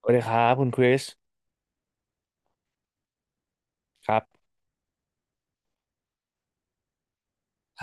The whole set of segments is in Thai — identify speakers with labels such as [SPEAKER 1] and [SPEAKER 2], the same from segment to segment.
[SPEAKER 1] สวัสดีครับคุณคริสครับ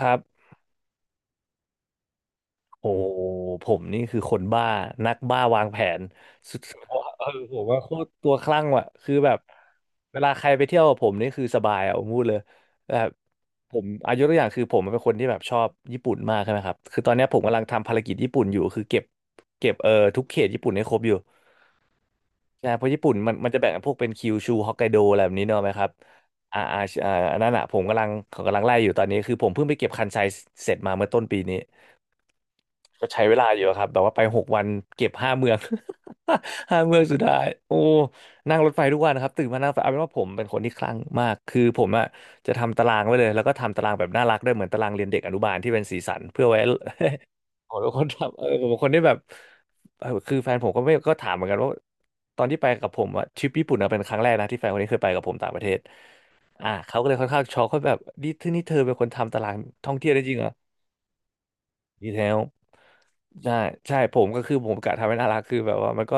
[SPEAKER 1] ครับโอ้ผมนี่คือคนบ้านักบ้าวางแผนสุดๆเออผมว่าโคตรตัวคลั่งว่ะคือแบบเวลาใครไปเที่ยวกับผมนี่คือสบายอ่ะผมพูดเลยแบบผมอายกตัวอย่างคือผมเป็นคนที่แบบชอบญี่ปุ่นมากใช่ไหมครับคือตอนเนี้ยผมกำลังทำภารกิจญี่ปุ่นอยู่คือเก็บทุกเขตญี่ปุ่นให้ครบอยู่ ใช่เพราะญี่ปุ่นมันจะแบ่งพวกเป็นคิวชูฮอกไกโดอะไรแบบนี้เนอะไหมครับอันนั้นอ่ะผมกำลังเขากำลังไล่อยู่ตอนนี้คือผมเพิ่งไปเก็บคันไซเสร็จมาเมื่อต้นปีนี้ก็ใช้เวลาอยู่ครับแบบว่าไป6 วันเก็บห้าเมือง 5 เมืองสุดท้ายโอ้นั่งรถไฟทุกวันครับตื่นมานั่งรถไฟเอาเป็นว่าผมเป็นคนที่คลั่งมากคือผมอะจะทำตารางไว้เลยแล้วก็ทำตารางแบบน่ารักด้วยเหมือนตารางเรียนเด็กอนุบาลที่เป็นสีสันเพื่อไว้ ผมเป็นคนทำเออผมเป็นคนที่แบบเออคือแฟนผมก็ไม่ก็ถามเหมือนกันว่าตอนที่ไปกับผมอะทริปญี่ปุ่นอะเป็นครั้งแรกนะที่แฟนคนนี้เคยไปกับผมต่างประเทศอ่าเขาก็เลยค่อนข้างช็อกเขาแบบนี่ที่นี่เธอเป็นคนทำตารางท่องเที่ยวได้จริงเหรอ ดีเทลใช่ใช่ผมก็คือผมกะทำให้น่ารักคือแบบว่ามันก็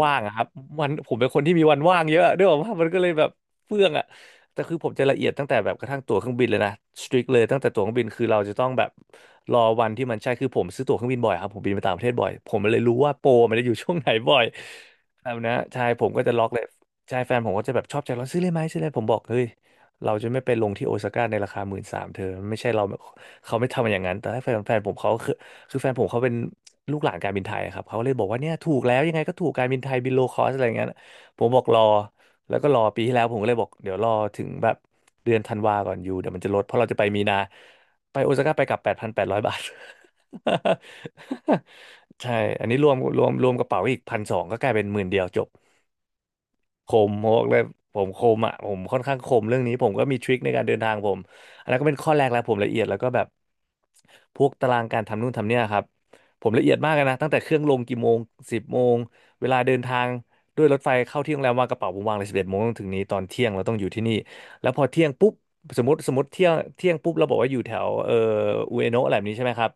[SPEAKER 1] ว่างอะครับวันผมเป็นคนที่มีวันว่างเยอะด้วยว่ามันก็เลยแบบเฟื่องอะแต่คือผมจะละเอียดตั้งแต่แบบกระทั่งตั๋วเครื่องบินเลยนะสตริกเลยตั้งแต่ตั๋วเครื่องบินคือเราจะต้องแบบรอวันที่มันใช่คือผมซื้อตั๋วเครื่องบินบ่อยครับผมบินไปต่างประเทศบ่อยผมเลยรู้ว่าโปรมันจะอยู่ช่วงไหนบ่อยครบนะใช่ผมก็จะล็อกเลยใช่แฟนผมก็จะแบบชอบใจร้อนซื้อเลยไหมซื้อเลยผมบอกเฮ้ยเราจะไม่ไปลงที่โอซาก้าในราคา13,000เธอไม่ใช่เรา เขาไม่ทำอย่างนั้นแต่แฟนผมเขาคือคือแฟนผมเขาเป็นลูกหลานการบินไทยครับเขาเลยบอกว่าเนี่ยถูกแล้วยังไงก็ถูกการบินไทยบินโลคอสอะไรอย่างเงี้ยผมบอกรอ แล้วก็รอปีที่แล้วผมก็เลยบอกเดี๋ยวรอถึงแบบเดือนธันวาก่อนอยู่เดี๋ยวมันจะลดเพราะเราจะไปมีนาไปโอซาก้าไปกลับ8,800 บาท ใช่อันนี้รวมกระเป๋าอีก1,200ก็กลายเป็น10,000จบ คมโฮกเลยผมคมอ่ะผมค่อนข้างคมเรื่องนี้ผมก็มีทริคในการเดินทางผมอันนั้นก็เป็นข้อแรกแล้วผมละเอียดแล้วก็แบบพวกตารางการทำนู่นทำเนี่ยครับผมละเอียดมากเลยนะตั้งแต่เครื่องลงกี่โมง10 โมงเวลาเดินทางด้วยรถไฟเข้าที่โรงแรมวางกระเป๋าผมวางเลย11 โมงต้องถึงนี้ตอนเที่ยงเราต้องอยู่ที่นี่แล้วพอเที่ยงปุ๊บสมมติเที่ยงปุ๊บเราบอกว่าอยู่แถวอุเอโนะอะไรแบบนี้ใช่ไหมครับ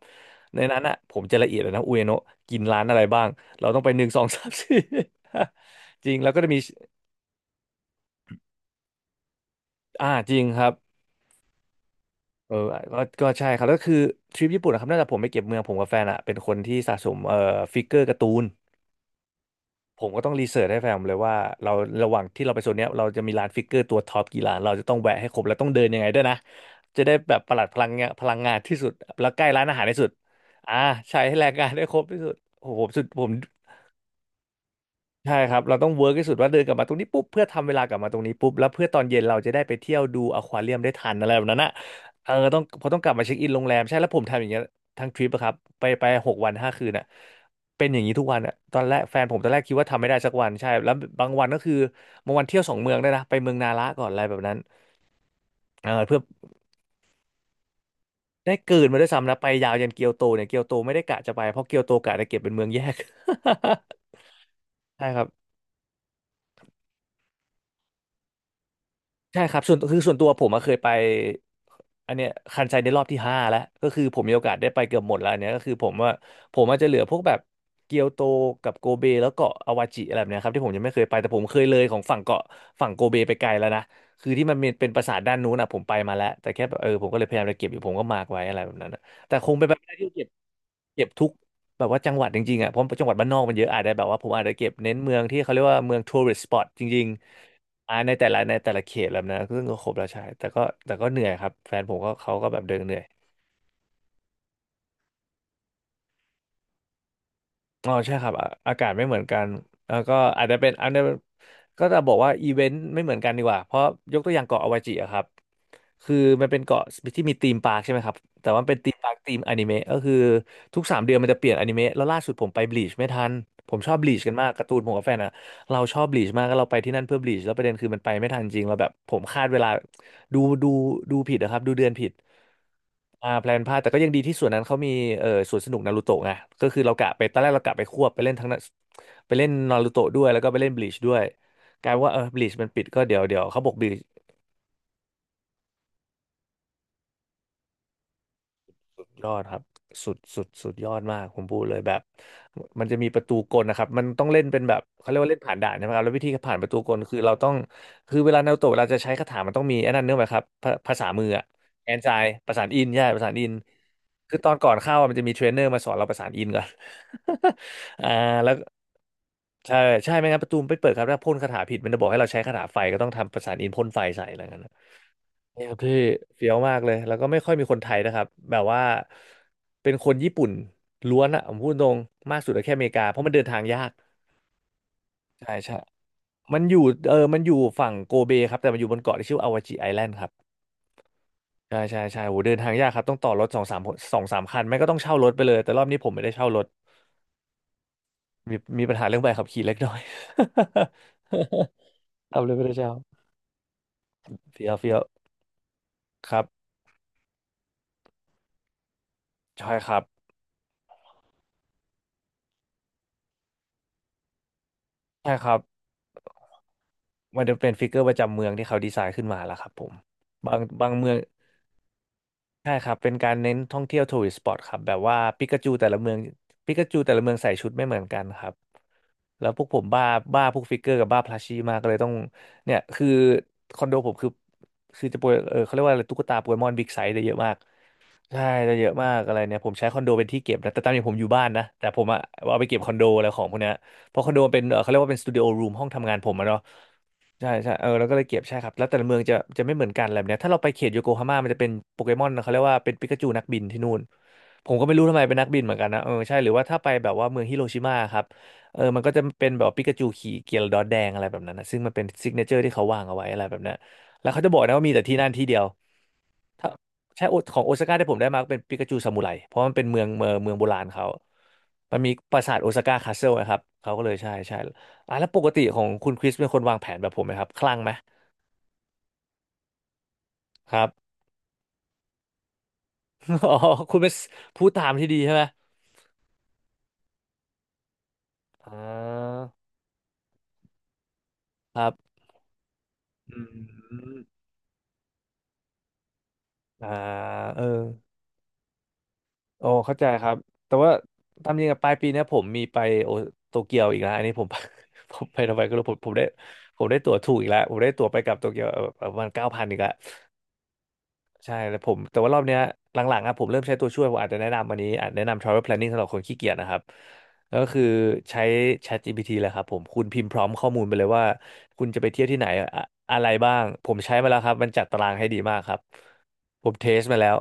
[SPEAKER 1] ในนั้นอ่ะผมจะละเอียดเลยนะอุเอโนะกินร้านอะไรบ้างเราต้องไปหนึ่งสองสามสี่ จริงแล้วก็จะมี อ่าจริงครับเออก็ใช่ครับแล้วคือทริปญี่ปุ่นนะครับน่าจะผมไปเก็บเมืองผมกับแฟนอะเป็นคนที่สะสมฟิกเกอร์การ์ตูนผมก็ต้องรีเสิร์ชให้แฟนผมเลยว่าเราระหว่างที่เราไปโซนเนี้ยเราจะมีร้านฟิกเกอร์ตัวท็อปกี่ร้านเราจะต้องแวะให้ครบแล้วต้องเดินยังไงด้วยนะจะได้แบบประหลัดพลังงานที่สุดแล้วใกล้ร้านอาหารที่สุดอ่าใช้ให้แรงงานได้ครบที่สุดโอ้โหผมสุดผม ใช่ครับ เราต้องเวิร์กที่สุดว่าเดินกลับมาตรงนี้ปุ๊บเพื่อทำเวลากลับมาตรงนี้ปุ๊บแล้วเพื่อตอนเย็นเราจะได้ไปเที่ยวดูอควาเรียมได้ทันอะไรแบบนั้นอ่ะเออต้องพอต้องกลับมาเช็คอินโรงแรมใช่แล้วผมทำอย่างเงี้ยทั้งทริปอะครับไป6 วัน 5 คืนอ่ะเป็นอย่างนี้ทุกวันอ่ะตอนแรกแฟนผมตอนแรกคิดว่าทำไม่ได้สักวันใช่แล้วบางวันก็คือบางวันเที่ยว2 เมืองได้วยนะไปเมืองนาระก่อนอะไรแบบนั้นเออเพื่อได้เกิดมาด้วยซ้ำนะไปยาวยันเกียวโตเนี่ยเกียวโตไม่ได้กะจะไปเพราะเกียวโตกะจะเก็บเป็นเมืองแยก ใช่ครับ ใช่ครับส่วนคือส่วนตัวผมอะเคยไปอันเนี้ยคันไซในรอบที่ห้าแล้วก็คือผมมีโอกาสได้ไปเกือบหมดแล้วอันเนี้ยก็คือผมว่าผมอาจจะเหลือพวกแบบเกียวโตกับโกเบแล้วเกาะอาวาจิอะไรแบบเนี้ยครับที่ผมยังไม่เคยไปแต่ผมเคยเลยของฝั่งเกาะฝั่งโกเบไปไกลแล้วนะคือที่มันเป็นปราสาทด้านนู้นอะผมไปมาแล้วแต่แค่แบบเออผมก็เลยพยายามจะเก็บอยู่ผมก็มาร์กไว้อะไรแบบนั้นอะแต่คงเป็นแบบที่เก็บเก็บทุกแบบว่าจังหวัดจริงๆอ่ะเพราะจังหวัดบ้านนอกมันเยอะอาจจะแบบว่าผมอาจจะเก็บเน้นเมืองที่เขาเรียกว่าเมืองทัวริสต์สปอตจริง อ่าในแต่ละเขตแล้วนะซึ่งก็ครบแล้วใช่แต่ก็แต่ก็เหนื่อยครับแฟนผมก็เขาก็แบบเดินเหนื่อยอ๋อใช่ครับอ่ะอากาศไม่เหมือนกันแล้วก็อาจจะเป็นอันนี้ก็จะบอกว่าอีเวนต์ไม่เหมือนกันดีกว่าเพราะยกตัวอย่างเกาะอวาจิอะครับคือมันเป็นเกาะที่มีธีมปาร์คใช่ไหมครับแต่ว่าเป็นธีมปาร์คธีมอนิเมะก็คือทุก3 เดือนมันจะเปลี่ยนอนิเมะแล้วล่าสุดผมไปบลีชไม่ทันผมชอบบลีชกันมากการ์ตูนผมกับแฟนอะ เราชอบบลีชมากแล้วเราไปที่นั่นเพื่อบลีชแล้วประเด็นคือมันไปไม่ทันจริงเราแบบผมคาดเวลาดูดูดูผิดนะครับดูเดือนผิดอ่าแพลนพลาดแต่ก็ยังดีที่ส่วนนั้นเขามีสวนสนุกนารูโตะไงก็คือเรากะไปตอนแรกเรากะไปควบไปเล่นทั้งนั้นไปเล่นนารูโตะด้วยแล้วก็ไปเล่นบลีชด้วยกลายเป็นว่าเออบลีชมันปิดก็เดี๋ยวเขาบอกบลีช ยอดครับสุดยอดมากผมพูดเลยแบบมันจะมีประตูกลนะครับมันต้องเล่นเป็นแบบเขาเรียกว่าเล่นผ่านด่านใช่ไหมครับแล้ววิธีผ่านประตูกลคือเราต้องคือเวลานารูโตะเวลาจะใช้คาถามันต้องมีไอ้นั่นเนื่องไหมครับภาษามืออะแอนไซประสานอินใช่ประสานอินคือตอนก่อนเข้าอะมันจะมีเทรนเนอร์มาสอนเราประสานอินก่อน อ่าแล้วใช่ใช่ไม่งั้นประตูมันไม่เปิดครับถ้าพ่นคาถาผิดมันจะบอกให้เราใช้คาถาไฟก็ต้องทำประสานอินพ่นไฟใส่อะไรเงี้ย เนี่ยครับพี่เฟี้ยวมากเลย แล้วก็ไม่ค่อยมีคนไทยนะครับ แบบว่าเป็นคนญี่ปุ่นล้วนอะผมพูดตรงมากสุดก็แค่อเมริกา เพราะมันเดินทางยากใช่มันอยู่เออมันอยู่ฝั่งโกเบครับ แต่มันอยู่บนเกาะที่ชื่ออาวาจิไอแลนด์ครับใช่โหเดินทางยากครับต้องต่อรถสองสามสองสามคันไม่ก็ต้องเช่ารถไปเลย แต่รอบนี้ผมไม่ได้เช่ารถมีปัญหาเรื่องใบขับขี่เล็กน้อย คับเลยไม่ได้เช่าเฟี้ยวครับใช่ครับใช่ครับ มันจะเป็นฟิกเกอร์ประจำเมืองที่เขาดีไซน์ขึ้นมาแล้วครับผมบางเมืองใช่ครับเป็นการเน้นท่องเที่ยวทัวริสต์สปอตครับแบบว่าปิกาจูแต่ละเมืองปิกาจูแต่ละเมืองใส่ชุดไม่เหมือนกันครับแล้วพวกผมบ้าบ้าพวกฟิกเกอร์กับบ้าพลัชชี่มากก็เลยต้องเนี่ยคือคอนโดผมคือจะโปรยเออเขาเรียกว่าอะไรตุ๊กตาโปเกมอนบิ๊กไซส์ได้เยอะมาก ใช่จะเยอะมากอะไรเนี่ยผมใช้คอนโดเป็นที่เก็บนะแต่ตามจริงผมอยู่บ้านนะแต่ผมอะเอาไปเก็บคอนโดอะไรของพวกเนี้ยเพราะคอนโดมันเป็นเขาเรียกว่าเป็นสตูดิโอรูมห้องทำงานผมอะเนาะใช่ใช่เออแล้วก็เลยเก็บใช่ครับแล้วแต่ละเมืองจะไม่เหมือนกันอะไรแบบเนี้ยถ้าเราไปเขตโยโกฮาม่ามันจะเป็นโปเกมอนเขาเรียกว่าเป็นปิกาจูนักบินที่นู่นผมก็ไม่รู้ทำไมเป็นนักบินเหมือนกันนะเออใช่หรือว่าถ้าไปแบบว่าเมืองฮิโรชิมาครับเออมันก็จะเป็นแบบปิกาจูขี่เกียร์ดอทแดงอะไรแบบนั้นนะซึ่งมันเป็นซิกเนเจอร์ที่เขาวางเอาไว้อะไรแบบนั้นแล้วเขาจะบอกนะว่ามีแต่ที่นั่นที่เดียว ถ้าใช่โอของโอซาก้าที่ผมได้มาเป็นปิกาจูซามูไรเพราะมันเป็นเมืองโบราณเขา มันมีปราสาทโอซาก้าคาสเซิลนะครับ เขาก็เลยใช่ใช่อ่ะแล้วปกติของคุณคริสเป็นคนวางแผนแบบผมไหมครับคลั่งไหมครับ อ๋อ คุณเป็นผู้ตามที่ดีใช่ไหมอ่าครับอืมอ่าเออโอ้เข้าใจครับ แต่ว่าตามจริงกับปลายปีเนี้ยผมมีไปโอโตเกียวอีกแล้วอันนี้ผม ผมไปทำไมก็รู้ผมได้ผมได้ตั๋วถูกอีกแล้วผมได้ตั๋วไปกลับโตเกียวประมาณ9,000อีกแล้ว ใช่แล้วผมแต่ว่ารอบเนี้ยหลังๆอะผมเริ่มใช้ตัวช่วยผมอาจจะแนะนำวันนี้อาจแนะนำ travel planning สำหรับคนขี้เกียจนะครับก็คือใช้ ChatGPT เลยครับผมคุณพิมพ์พร้อมข้อมูลไปเลยว่าคุณจะไปเที่ยวที่ไหนอะอะไรบ้างผมใช้มาแล้วครับมันจัดตารางให้ดีมากครับผมเทสมาแล้ว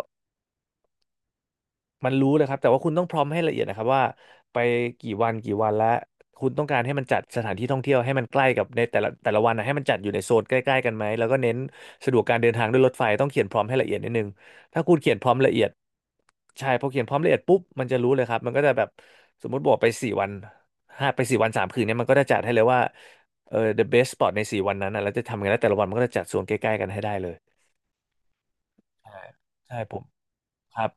[SPEAKER 1] มันรู้เลยครับแต่ว่าคุณต้องพร้อมให้ละเอียดนะครับว่าไปกี่วันกี่วันและคุณต้องการให้มันจัดสถานที่ท่องเที่ยวให้มันใกล้กับในแต่ละวันนะให้มันจัดอยู่ในโซนใกล้ๆกันไหมแล้วก็เน้นสะดวกการเดินทางด้วยรถไฟต้องเขียนพร้อมให้ละเอียดนิดนึงถ้าคุณเขียนพร้อมละเอียดใช่พอเขียนพร้อมละเอียดปุ๊บมันจะรู้เลยครับมันก็จะแบบสมมติบอกไปสี่วันห้าไป4 วัน 3 คืนเนี่ยมันก็จะจัดให้เลยว่าเออ the best spot ใน4 วันนั้นนะแล้วจะทำยังไงแล้วแต่ละวันมันก็จะจัดโซนใกล้ๆกันให้ได้เลยใช่ใช่ผมครับ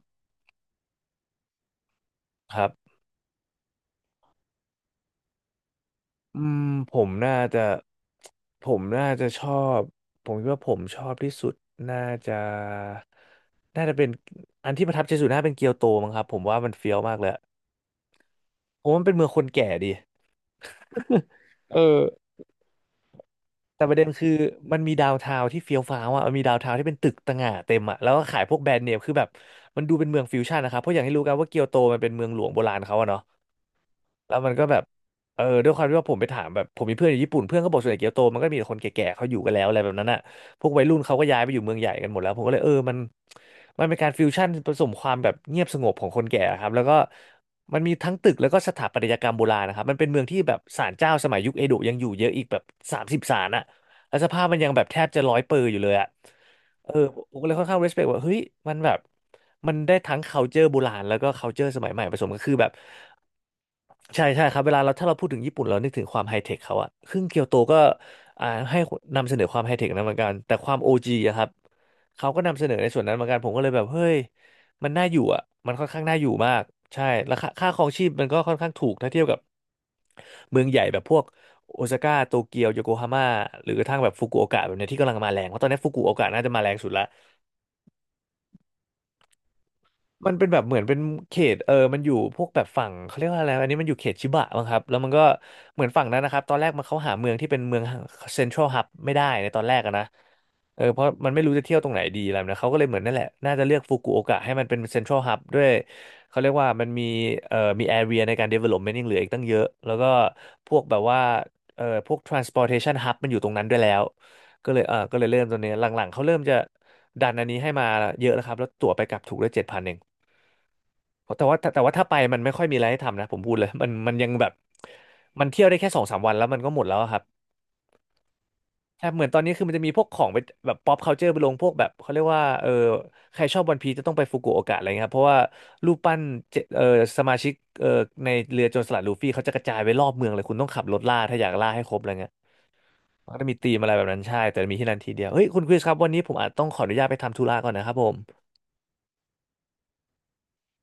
[SPEAKER 1] ครับ อืมผมน่าจะผมน่าจะชอบผมคิดว่าผมชอบที่สุดน่าจะน่าจะเป็นอันที่ประทับใจสุดน่าเป็นเกียวโตมั้งครับผมว่ามันเฟี้ยวมากเลยอะผมว่ามันเป็นเมืองคนแก่ดีเออแต่ประเด็นคือมันมีดาวน์ทาวน์ที่เฟี้ยวฟ้าวอ่ะมันมีดาวน์ทาวน์ที่เป็นตึกต่างหาเต็มอ่ะแล้วก็ขายพวกแบรนด์เนมคือแบบมันดูเป็นเมืองฟิวชั่นนะครับเพราะอย่างที่รู้กันว่าเกียวโตมันเป็นเมืองหลวงโบราณเขาอะเนาะ แล้วมันก็แบบเออด้วยความที่ว่าผมไปถามแบบผมมีเพื่อนอยู่ญี่ปุ่นเพื่อนก็บอกส่วนใหญ่เกียวโตมันก็มีแต่คนแก่ๆเขาอยู่กันแล้วอะไรแบบนั้นอ่ะพวกวัยรุ่นเขาก็ย้ายไปอยู่เมืองใหญ่กันหมดแล้วผมก็เลยเออมันเป็นการฟิวชั่นผสมความแบบเงียบสงบของคนแก่ครับแล้วก็มันมีทั้งตึกแล้วก็สถาปัตยกรรมโบราณนะครับมันเป็นเมืองที่แบบศาลเจ้าสมัยยุคเอโดะยังอยู่เยอะอีกแบบ30ศาลอ่ะแล้วสภาพมันยังแบบแทบจะร้อยเปอร์อยู่เลยอ่ะ เออผมก็เลยค่อนข้าง respect ว่าเฮ้ยมันแบบมันได้ทั้ง culture โบราณแล้วก็ culture สมัยใหม่ผสมกันคือแบบใช่ใช่ครับเวลาเราถ้าเราพูดถึงญี่ปุ่นเรานึกถึงความไฮเทคเขาอะซึ่งเกียวโตก็อ่าให้นำเสนอความไฮเทคนั้นเหมือนกันแต่ความโอจีอะครับเขาก็นำเสนอในส่วนนั้นเหมือนกันผมก็เลยแบบเฮ้ยมันน่าอยู่อะมันค่อนข้างน่าอยู่มากใช่แล้วค่าครองชีพมันก็ค่อนข้างถูกถ้าเทียบกับเมืองใหญ่แบบพวก โอซาก้าโตเกียวโยโกฮาม่าหรือกระทั่งแบบฟุกุโอกะแบบเนี้ยที่กำลังมาแรงเพราะตอนนี้ฟุกุโอกะน่าจะมาแรงสุดละ มันเป็นแบบเหมือนเป็นเขตมันอยู่พวกแบบฝั่งเขาเรียกว่าอะไรอันนี้มันอยู่เขตชิบะมั้งครับแล้วมันก็เหมือนฝั่งนั้นนะครับตอนแรกมันเขาหาเมืองที่เป็นเมืองเซ็นทรัลฮับไม่ได้ในตอนแรกอะนะเออเพราะมันไม่รู้จะเที่ยวตรงไหนดีอะไรแบบนะเขาก็เลยเหมือนนั่นแหละน่าจะเลือกฟุกุโอกะให้มันเป็นเซ็นทรัลฮับด้วยเขาเรียกว่ามันมีมีแอเรียในการ development ยังเหลืออีกตั้งเยอะแล้วก็พวกแบบว่าพวก transportation hub มันอยู่ตรงนั้นด้วยแล้วก็เลยเออก็เลยเริ่มตรงนี้หลังๆเขาเริ่มจะดันอันนี้ให้มาเยอะแล้วครับแล้วตั๋วไปกลับถูกได้7,000เอง แต่ว่าแต่ว่าถ้าไปมันไม่ค่อยมีอะไรให้ทำนะผมพูดเลย มันยังแบบมันเที่ยวได้แค่สองสามวันแล้วมันก็หมดแล้วอะครับใช่เหมือนตอนนี้คือมันจะมีพวกของไปแบบ pop culture ไปลงพวกแบบเขาเรียกว่าเออใครชอบวันพีจะต้องไปฟุกุโอกะอะไรเงี้ยครับเพราะว่ารูปปั้นเจสมาชิกเออในเรือโจรสลัดลูฟี่เขาจะกระจายไปรอบเมืองเลยคุณต้องขับรถล่าถ้าอยากล่าให้ครบอะไรเงี้ยมันก็จะมีธีมอะไรแบบนั้นใช่แต่มีที่นั่นทีเดียวเฮ้ยคุณคริสครับวันนี้ผมอาจต้องขออนุญาตไปทำธุระก่อนนะครับผม